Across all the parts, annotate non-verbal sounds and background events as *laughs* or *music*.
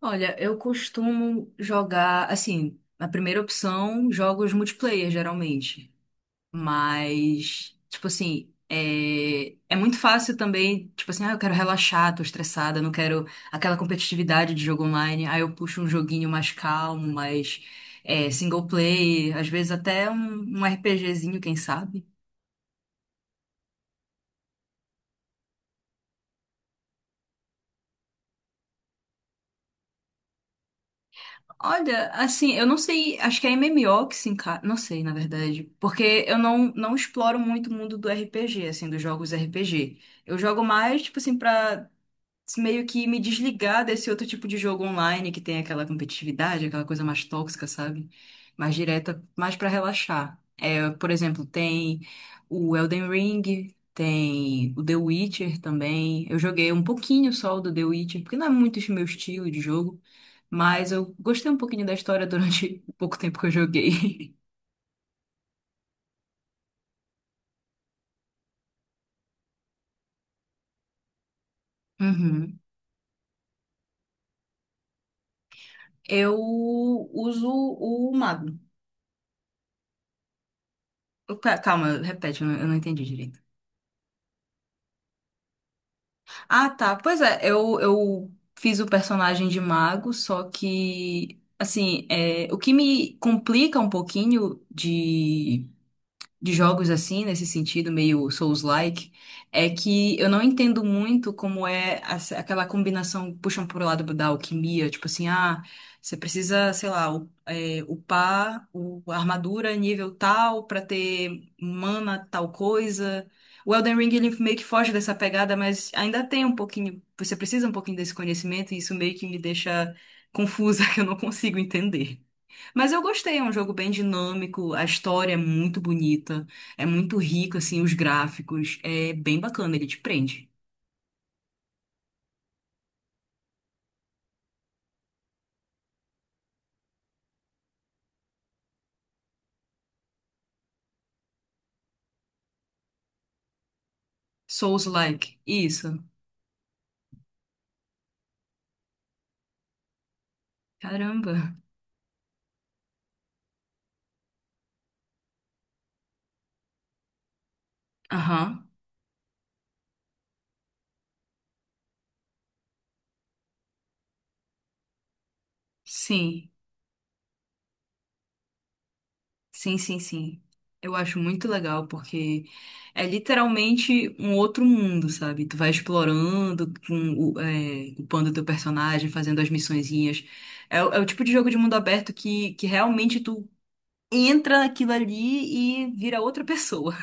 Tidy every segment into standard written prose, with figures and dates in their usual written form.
Olha, eu costumo jogar, assim, na primeira opção, jogos multiplayer, geralmente. Mas, tipo assim, é muito fácil também, tipo assim, ah, eu quero relaxar, tô estressada, não quero aquela competitividade de jogo online. Aí eu puxo um joguinho mais calmo, mais single player, às vezes até um RPGzinho, quem sabe. Olha, assim, eu não sei, acho que é MMO que se encaixa, não sei, na verdade, porque eu não exploro muito o mundo do RPG, assim, dos jogos RPG. Eu jogo mais, tipo assim, pra meio que me desligar desse outro tipo de jogo online que tem aquela competitividade, aquela coisa mais tóxica, sabe? Mais direta, mais pra relaxar. É, por exemplo, tem o Elden Ring, tem o The Witcher também. Eu joguei um pouquinho só o do The Witcher, porque não é muito o meu estilo de jogo, mas eu gostei um pouquinho da história durante *laughs* o pouco tempo que eu joguei. *laughs* Uhum. Eu uso o mago. Calma, repete, eu não entendi direito. Ah, tá. Pois é, eu fiz o personagem de mago, só que, assim, é, o que me complica um pouquinho de jogos assim, nesse sentido, meio Souls-like, é que eu não entendo muito como é aquela combinação, puxam pro lado da alquimia, tipo assim, ah, você precisa, sei lá, upar a armadura nível tal pra ter mana tal coisa. O Elden Ring, ele meio que foge dessa pegada, mas ainda tem um pouquinho, você precisa um pouquinho desse conhecimento, e isso meio que me deixa confusa, *laughs* que eu não consigo entender. Mas eu gostei, é um jogo bem dinâmico, a história é muito bonita, é muito rica, assim, os gráficos, é bem bacana, ele te prende. Souls-like, isso. Caramba. Aham. Sim, sim, sim, sim. Eu acho muito legal porque é literalmente um outro mundo, sabe? Tu vai explorando, upando teu personagem, fazendo as missõezinhas. É, é o tipo de jogo de mundo aberto que realmente tu entra naquilo ali e vira outra pessoa.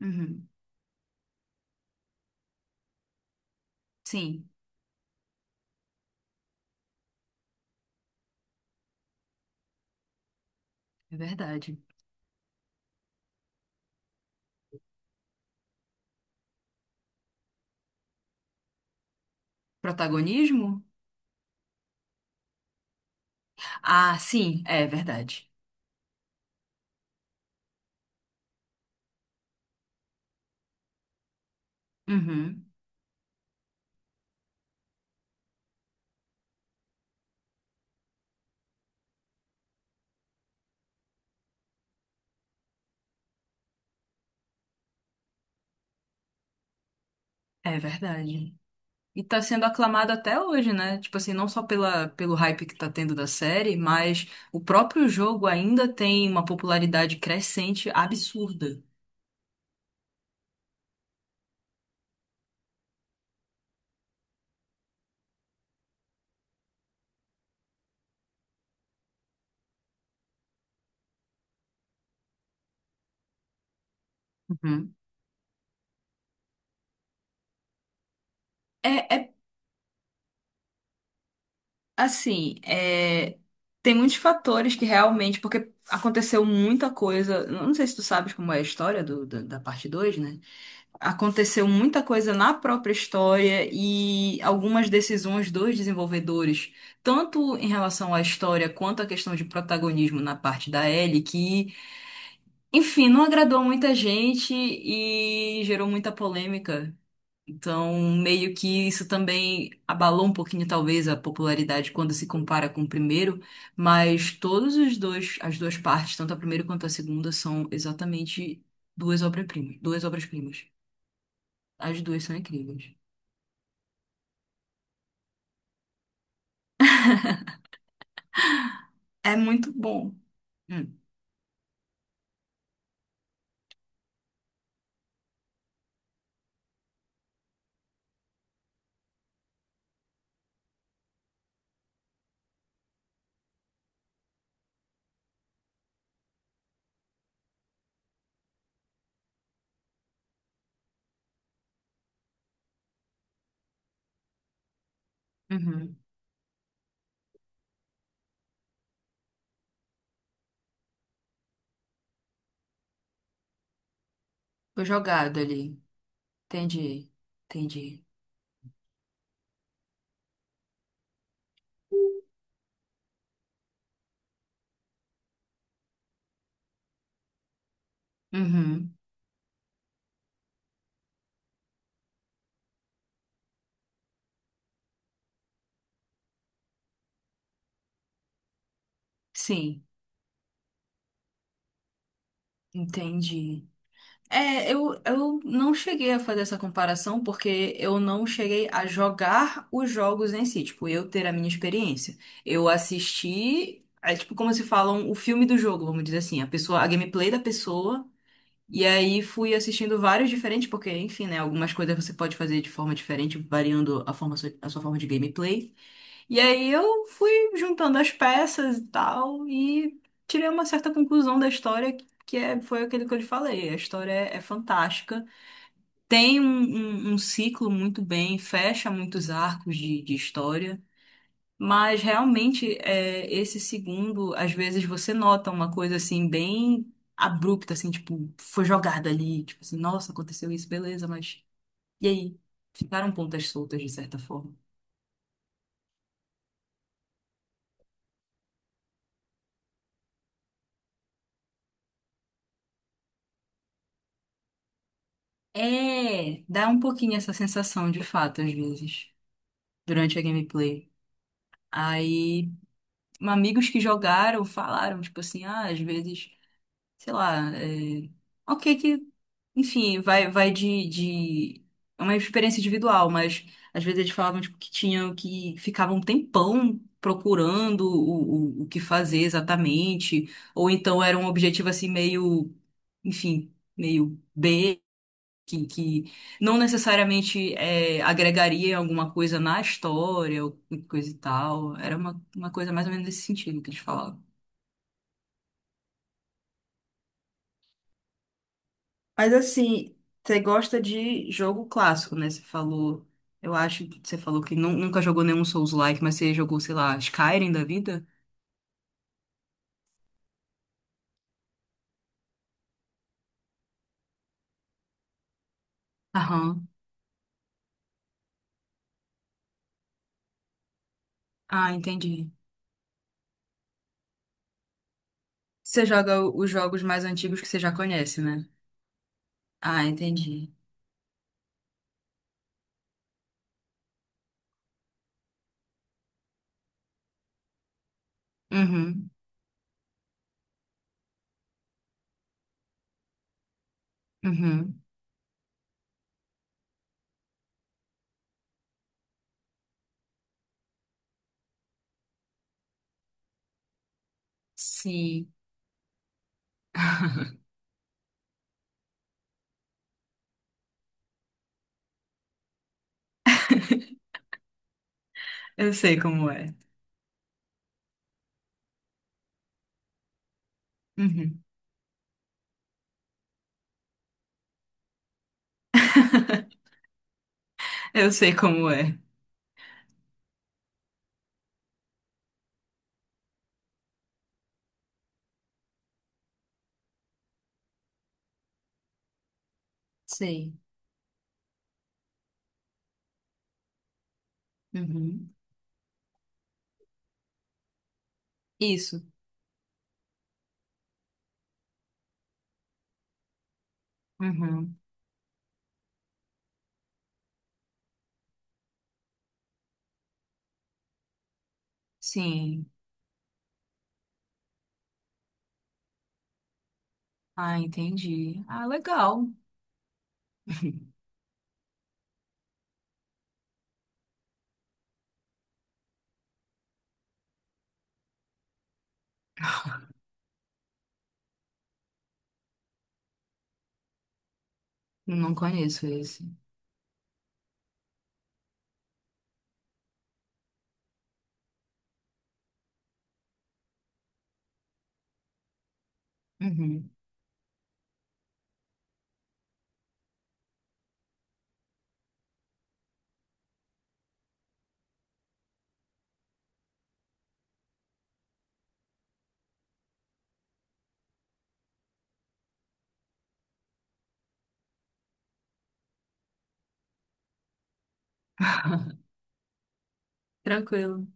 Uhum. Sim, é verdade. Protagonismo? Ah, sim, é verdade. Uhum. É verdade. E tá sendo aclamado até hoje, né? Tipo assim, não só pelo hype que tá tendo da série, mas o próprio jogo ainda tem uma popularidade crescente absurda. Uhum. É assim, tem muitos fatores que realmente, porque aconteceu muita coisa. Não sei se tu sabes como é a história da parte dois, né? Aconteceu muita coisa na própria história e algumas decisões dos desenvolvedores, tanto em relação à história quanto à questão de protagonismo na parte da Ellie, que, enfim, não agradou muita gente e gerou muita polêmica. Então, meio que isso também abalou um pouquinho, talvez, a popularidade quando se compara com o primeiro, mas todos os dois, as duas partes, tanto a primeira quanto a segunda, são exatamente duas obras-primas, duas obras-primas. As duas são incríveis. É muito bom. Hum. Uhum. Foi jogado ali. Entendi. Entendi. Uhum. Sim, entendi. É, eu não cheguei a fazer essa comparação porque eu não cheguei a jogar os jogos em si, tipo, eu ter a minha experiência. Eu assisti, é tipo como se falam o filme do jogo, vamos dizer assim, a pessoa, a gameplay da pessoa. E aí fui assistindo vários diferentes, porque, enfim, né? Algumas coisas você pode fazer de forma diferente, variando a forma, a sua forma de gameplay. E aí eu fui juntando as peças e tal, e tirei uma certa conclusão da história, que é, foi aquilo que eu lhe falei. A história é fantástica. Tem um, um ciclo muito bem, fecha muitos arcos de história. Mas realmente, esse segundo, às vezes você nota uma coisa assim, bem abrupta, assim, tipo, foi jogada ali, tipo assim, nossa, aconteceu isso, beleza, mas e aí? Ficaram pontas soltas de certa forma. É, dá um pouquinho essa sensação de fato, às vezes, durante a gameplay. Aí, amigos que jogaram falaram, tipo assim, ah, às vezes, sei lá, ok que enfim, vai de, de. É uma experiência individual, mas às vezes eles falavam tipo, que tinham que ficavam um tempão procurando o que fazer exatamente, ou então era um objetivo assim meio, enfim, meio B, que não necessariamente agregaria alguma coisa na história ou coisa e tal. Era uma coisa mais ou menos nesse sentido que eles falavam. Mas assim, você gosta de jogo clássico, né? Você falou, eu acho que você falou que nunca jogou nenhum Souls-like, mas você jogou, sei lá, Skyrim da vida? Aham. Ah, entendi. Você joga os jogos mais antigos que você já conhece, né? Ah, entendi. Uhum, uhum. Sim. *laughs* Eu sei como é. Uhum. Eu sei como é. Sei. Uhum. Isso. Uhum. Sim. Ah, entendi. Ah, legal. Não conheço esse. Uhum. *laughs* Tranquilo.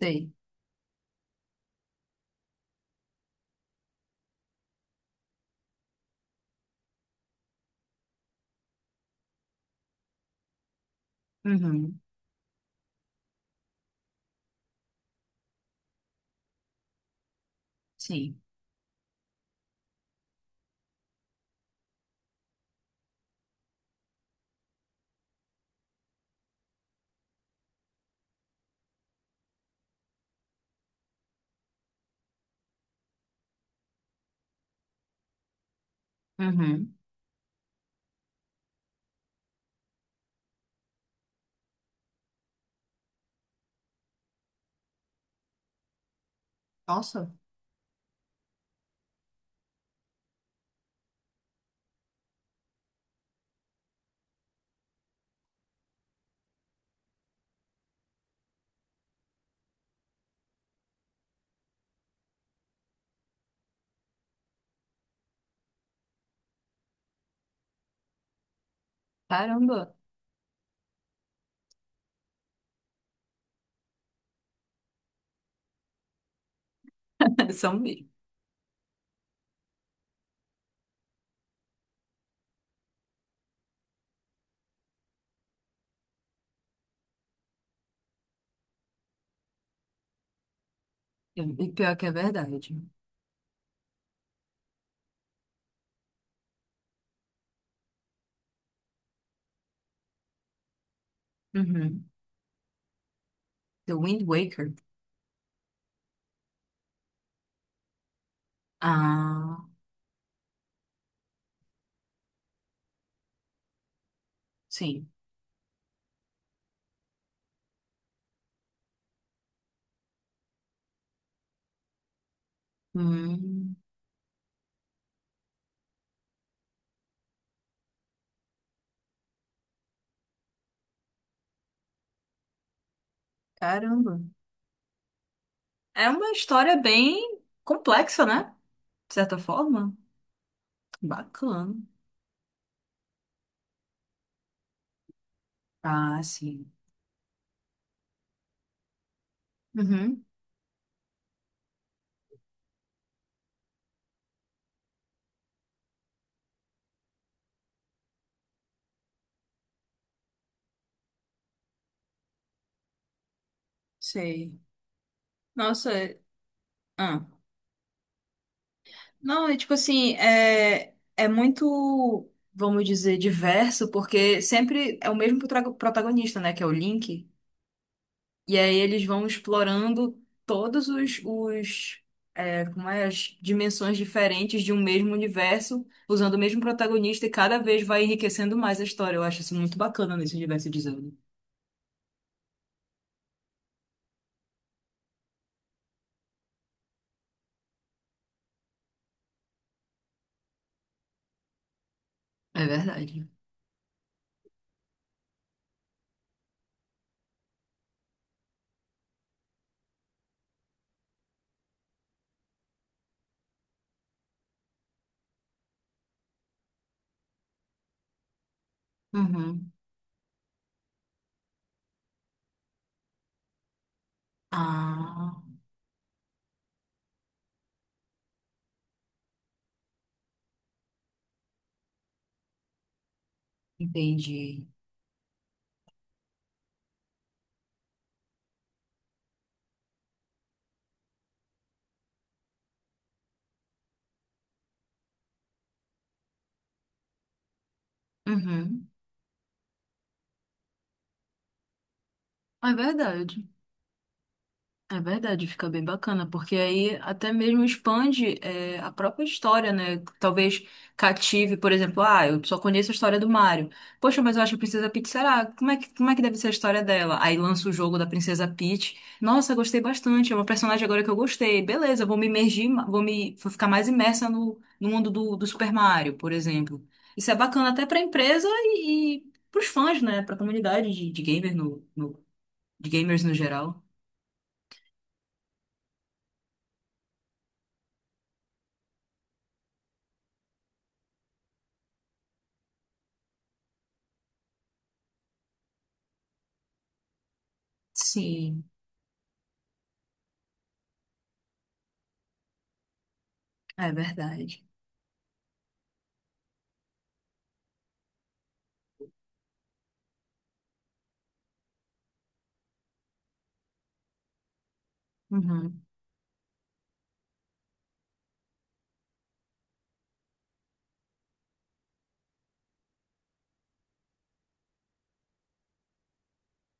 Sei. Uhum. Sim. Uhum. Nossa, caramba. *laughs* São mesmo. E pior que é verdade. Uhum. The Wind Waker. Ah, sim. Hum, caramba. É uma história bem complexa, né? De certa forma. Bacana. Ah, sim. Uhum. Sei. Nossa, ah. Não, é tipo assim, é muito, vamos dizer, diverso, porque sempre é o mesmo protagonista, né, que é o Link, e aí eles vão explorando todos os como é, as dimensões diferentes de um mesmo universo, usando o mesmo protagonista, e cada vez vai enriquecendo mais a história. Eu acho isso muito bacana nesse universo de Zelda. É verdade. Uhum. Ah, entendi. Uhum. É verdade. É verdade, fica bem bacana, porque aí até mesmo expande a própria história, né? Talvez cative, por exemplo, ah, eu só conheço a história do Mario. Poxa, mas eu acho que a Princesa Peach, será? Como é que deve ser a história dela? Aí lança o jogo da Princesa Peach. Nossa, gostei bastante, é uma personagem agora que eu gostei. Beleza, vou me imergir, vou ficar mais imersa no mundo do Super Mario, por exemplo. Isso é bacana até pra empresa e pros fãs, né? Pra comunidade de gamer de gamers no geral. Sim. É verdade. Uhum.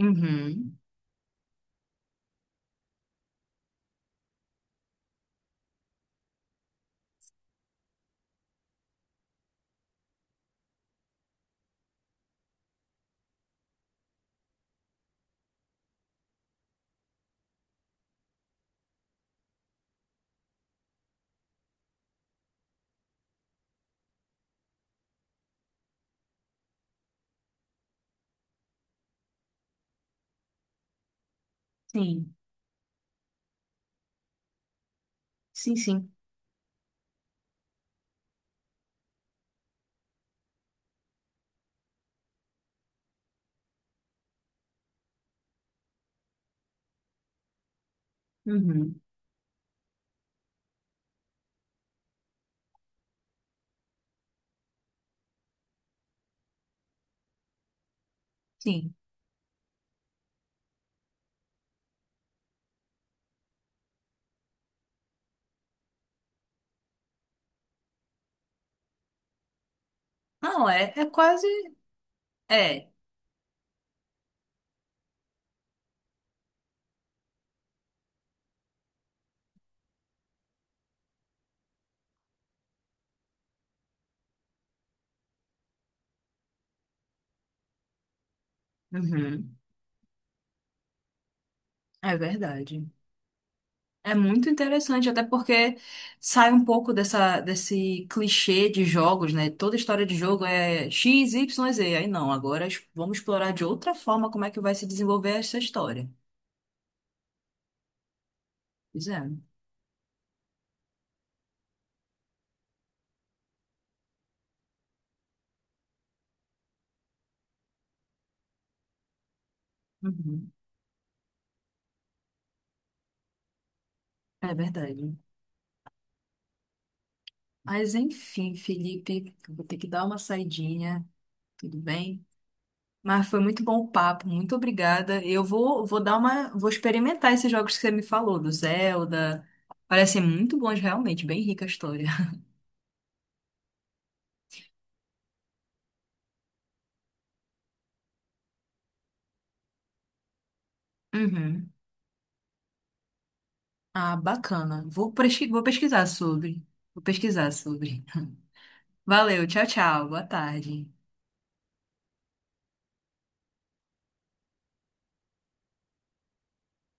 Uhum. Sim. Sim, sim. Uhum. Sim. Não, é quase. É. Uhum. É verdade. É muito interessante, até porque sai um pouco desse clichê de jogos, né? Toda história de jogo é X, Y, Z. Aí não, agora vamos explorar de outra forma como é que vai se desenvolver essa história. Pois é. Uhum. É verdade. Mas enfim, Felipe, eu vou ter que dar uma saidinha. Tudo bem? Mas foi muito bom o papo, muito obrigada. Eu vou experimentar esses jogos que você me falou, do Zelda. Parecem muito bons realmente, bem rica a história. *laughs* Uhum. Ah, bacana. Vou pesquisar sobre. Vou pesquisar sobre. *laughs* Valeu, tchau, tchau. Boa tarde.